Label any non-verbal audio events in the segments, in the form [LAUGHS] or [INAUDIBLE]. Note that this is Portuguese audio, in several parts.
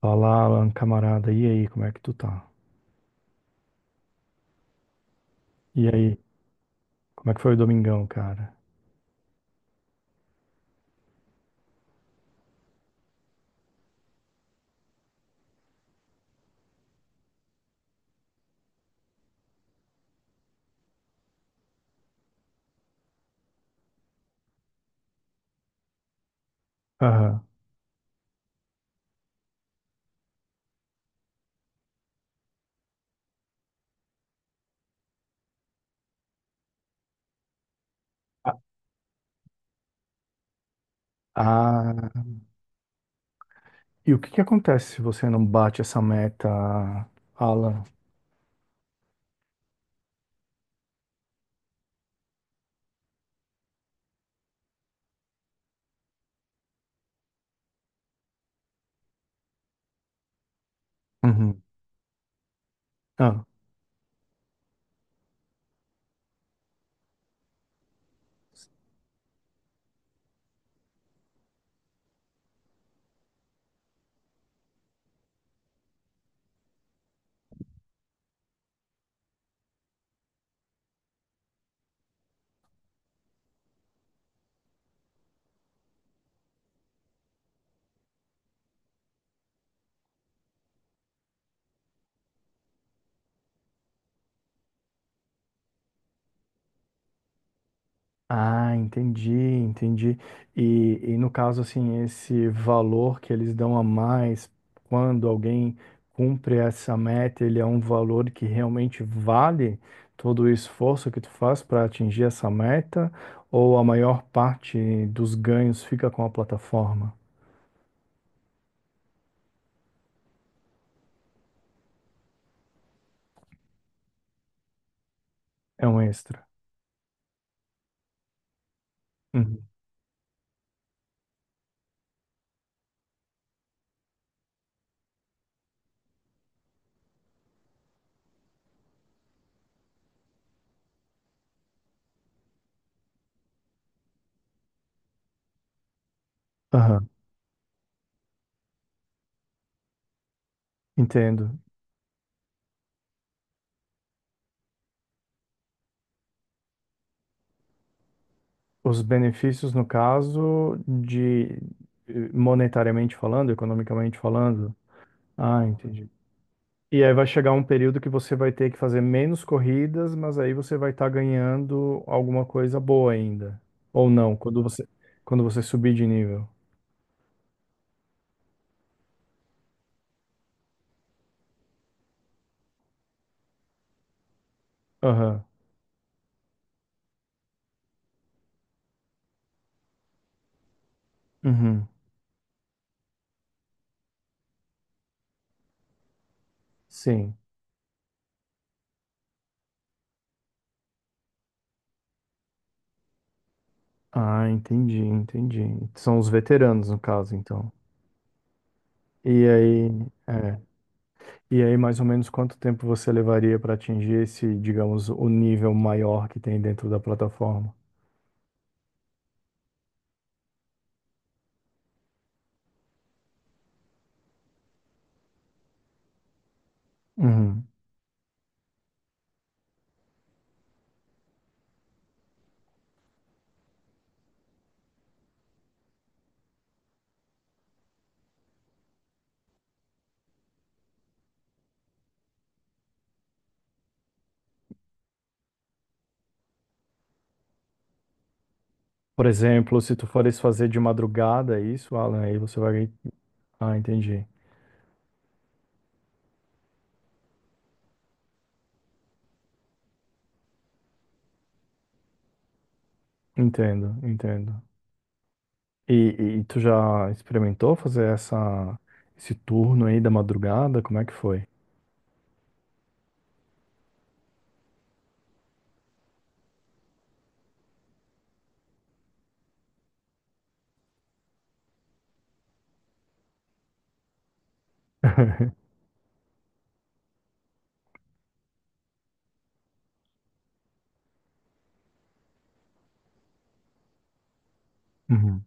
Fala, Alan, camarada. E aí, como é que tu tá? E aí, como é que foi o domingão, cara? Aham. Ah, ah, e o que que acontece se você não bate essa meta, Alan? Uhum. Ah, entendi, entendi. E no caso, assim, esse valor que eles dão a mais quando alguém cumpre essa meta, ele é um valor que realmente vale todo o esforço que tu faz para atingir essa meta, ou a maior parte dos ganhos fica com a plataforma? É um extra. Uhum. Aham, entendo. Os benefícios, no caso, de monetariamente falando, economicamente falando. Ah, entendi. E aí vai chegar um período que você vai ter que fazer menos corridas, mas aí você vai estar ganhando alguma coisa boa ainda. Ou não, quando você subir de nível. Aham. Uhum. Sim. Ah, entendi, entendi. São os veteranos, no caso, então. E aí, é. E aí, mais ou menos quanto tempo você levaria para atingir esse, digamos, o nível maior que tem dentro da plataforma? Uhum. Por exemplo, se tu fores fazer de madrugada é isso, Alan, aí você vai. Ah, entendi. Entendo, entendo. E, e tu já experimentou fazer esse turno aí da madrugada? Como é que foi? Uhum,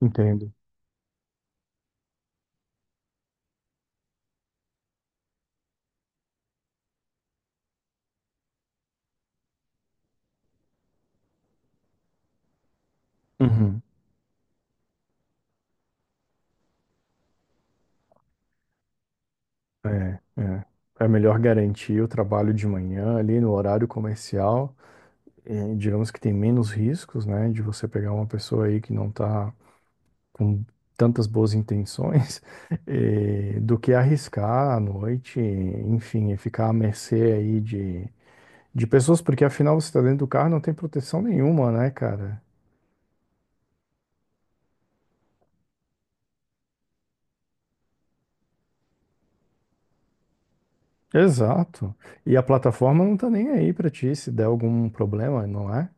entendo. Uhum. É, é. É melhor garantir o trabalho de manhã ali no horário comercial. E digamos que tem menos riscos, né, de você pegar uma pessoa aí que não tá com tantas boas intenções, [LAUGHS] e do que arriscar à noite, enfim, e ficar à mercê aí de pessoas, porque afinal você está dentro do carro e não tem proteção nenhuma, né, cara? Exato. E a plataforma não tá nem aí pra ti se der algum problema, não é?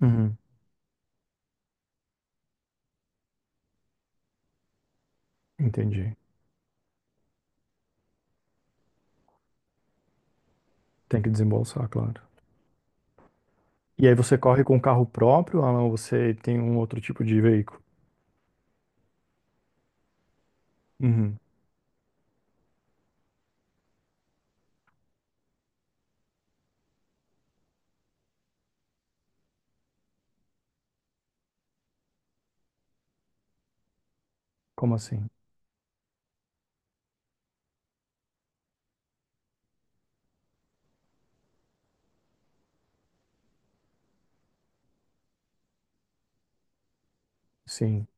Uhum. Entendi. Tem que desembolsar, claro. E aí você corre com um carro próprio ou não, você tem um outro tipo de veículo? Uhum. Como assim? Sim,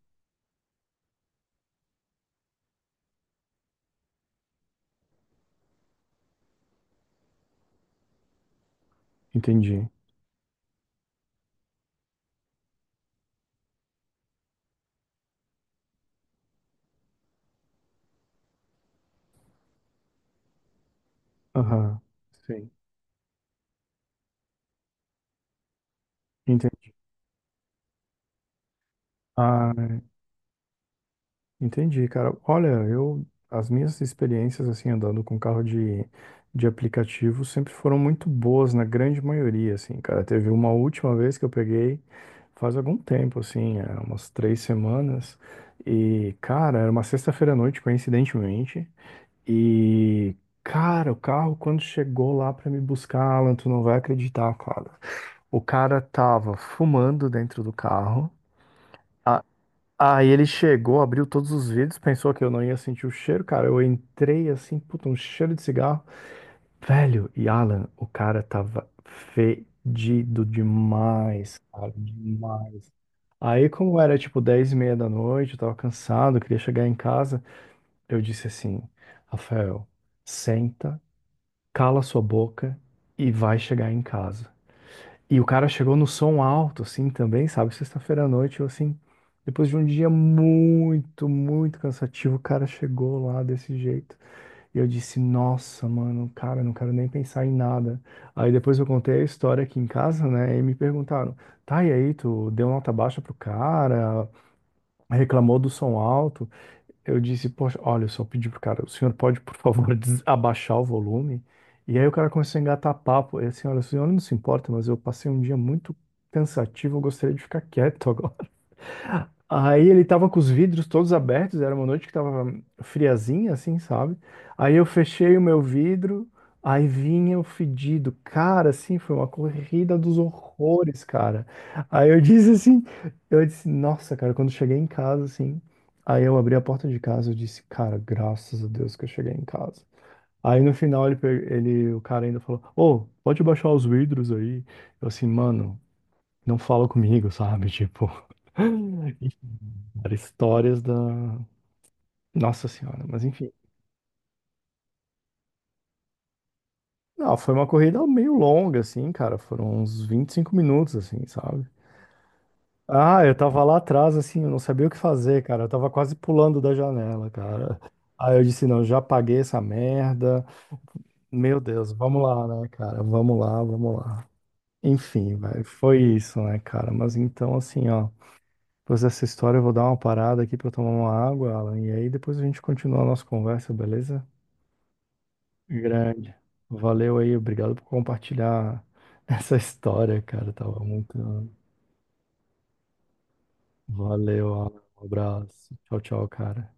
entendi. Aham, sim, entendi. Ah, Entendi, cara. Olha, eu as minhas experiências assim andando com carro de aplicativo sempre foram muito boas na grande maioria, assim, cara. Teve uma última vez que eu peguei faz algum tempo, assim, é, umas três semanas. E, cara, era uma sexta-feira à noite, coincidentemente. E, cara, o carro quando chegou lá pra me buscar, Alan, tu não vai acreditar, cara. O cara tava fumando dentro do carro. Aí ele chegou, abriu todos os vidros, pensou que eu não ia sentir o cheiro, cara. Eu entrei assim, puta, um cheiro de cigarro. Velho, e Alan, o cara tava fedido demais, cara, demais. Aí, como era tipo 10 e meia da noite, eu tava cansado, eu queria chegar em casa, eu disse assim: Rafael, senta, cala sua boca e vai chegar em casa. E o cara chegou no som alto, assim, também, sabe? Sexta-feira à noite, eu, assim, depois de um dia muito, muito cansativo, o cara chegou lá desse jeito. E eu disse, nossa, mano, cara, não quero nem pensar em nada. Aí depois eu contei a história aqui em casa, né? E me perguntaram, tá, e aí, tu deu nota baixa pro cara, reclamou do som alto? Eu disse, poxa, olha, eu só pedi pro cara, o senhor pode, por favor, [LAUGHS] abaixar o volume? E aí o cara começou a engatar papo. E assim, olha, o senhor não se importa, mas eu passei um dia muito cansativo, eu gostaria de ficar quieto. [LAUGHS] Aí ele tava com os vidros todos abertos, era uma noite que tava friazinha, assim, sabe? Aí eu fechei o meu vidro, aí vinha o fedido. Cara, assim, foi uma corrida dos horrores, cara. Aí eu [LAUGHS] disse assim, eu disse, nossa, cara, quando eu cheguei em casa, assim, aí eu abri a porta de casa, eu disse, cara, graças a Deus que eu cheguei em casa. Aí no final o cara ainda falou, ô, pode baixar os vidros aí. Eu assim, mano, não fala comigo, sabe? Tipo. [LAUGHS] Cara, histórias da. Nossa Senhora, mas enfim. Não, foi uma corrida meio longa, assim, cara. Foram uns 25 minutos, assim, sabe? Ah, eu tava lá atrás, assim, eu não sabia o que fazer, cara. Eu tava quase pulando da janela, cara. Aí eu disse, não, já paguei essa merda. Meu Deus, vamos lá, né, cara? Vamos lá, vamos lá. Enfim, vai. Foi isso, né, cara? Mas então, assim, ó, depois dessa história eu vou dar uma parada aqui pra eu tomar uma água, Alan, e aí depois a gente continua a nossa conversa, beleza? Grande. Valeu aí, obrigado por compartilhar [LAUGHS] essa história, cara. Tava muito. Valeu, Alan. Um abraço. Tchau, tchau, cara.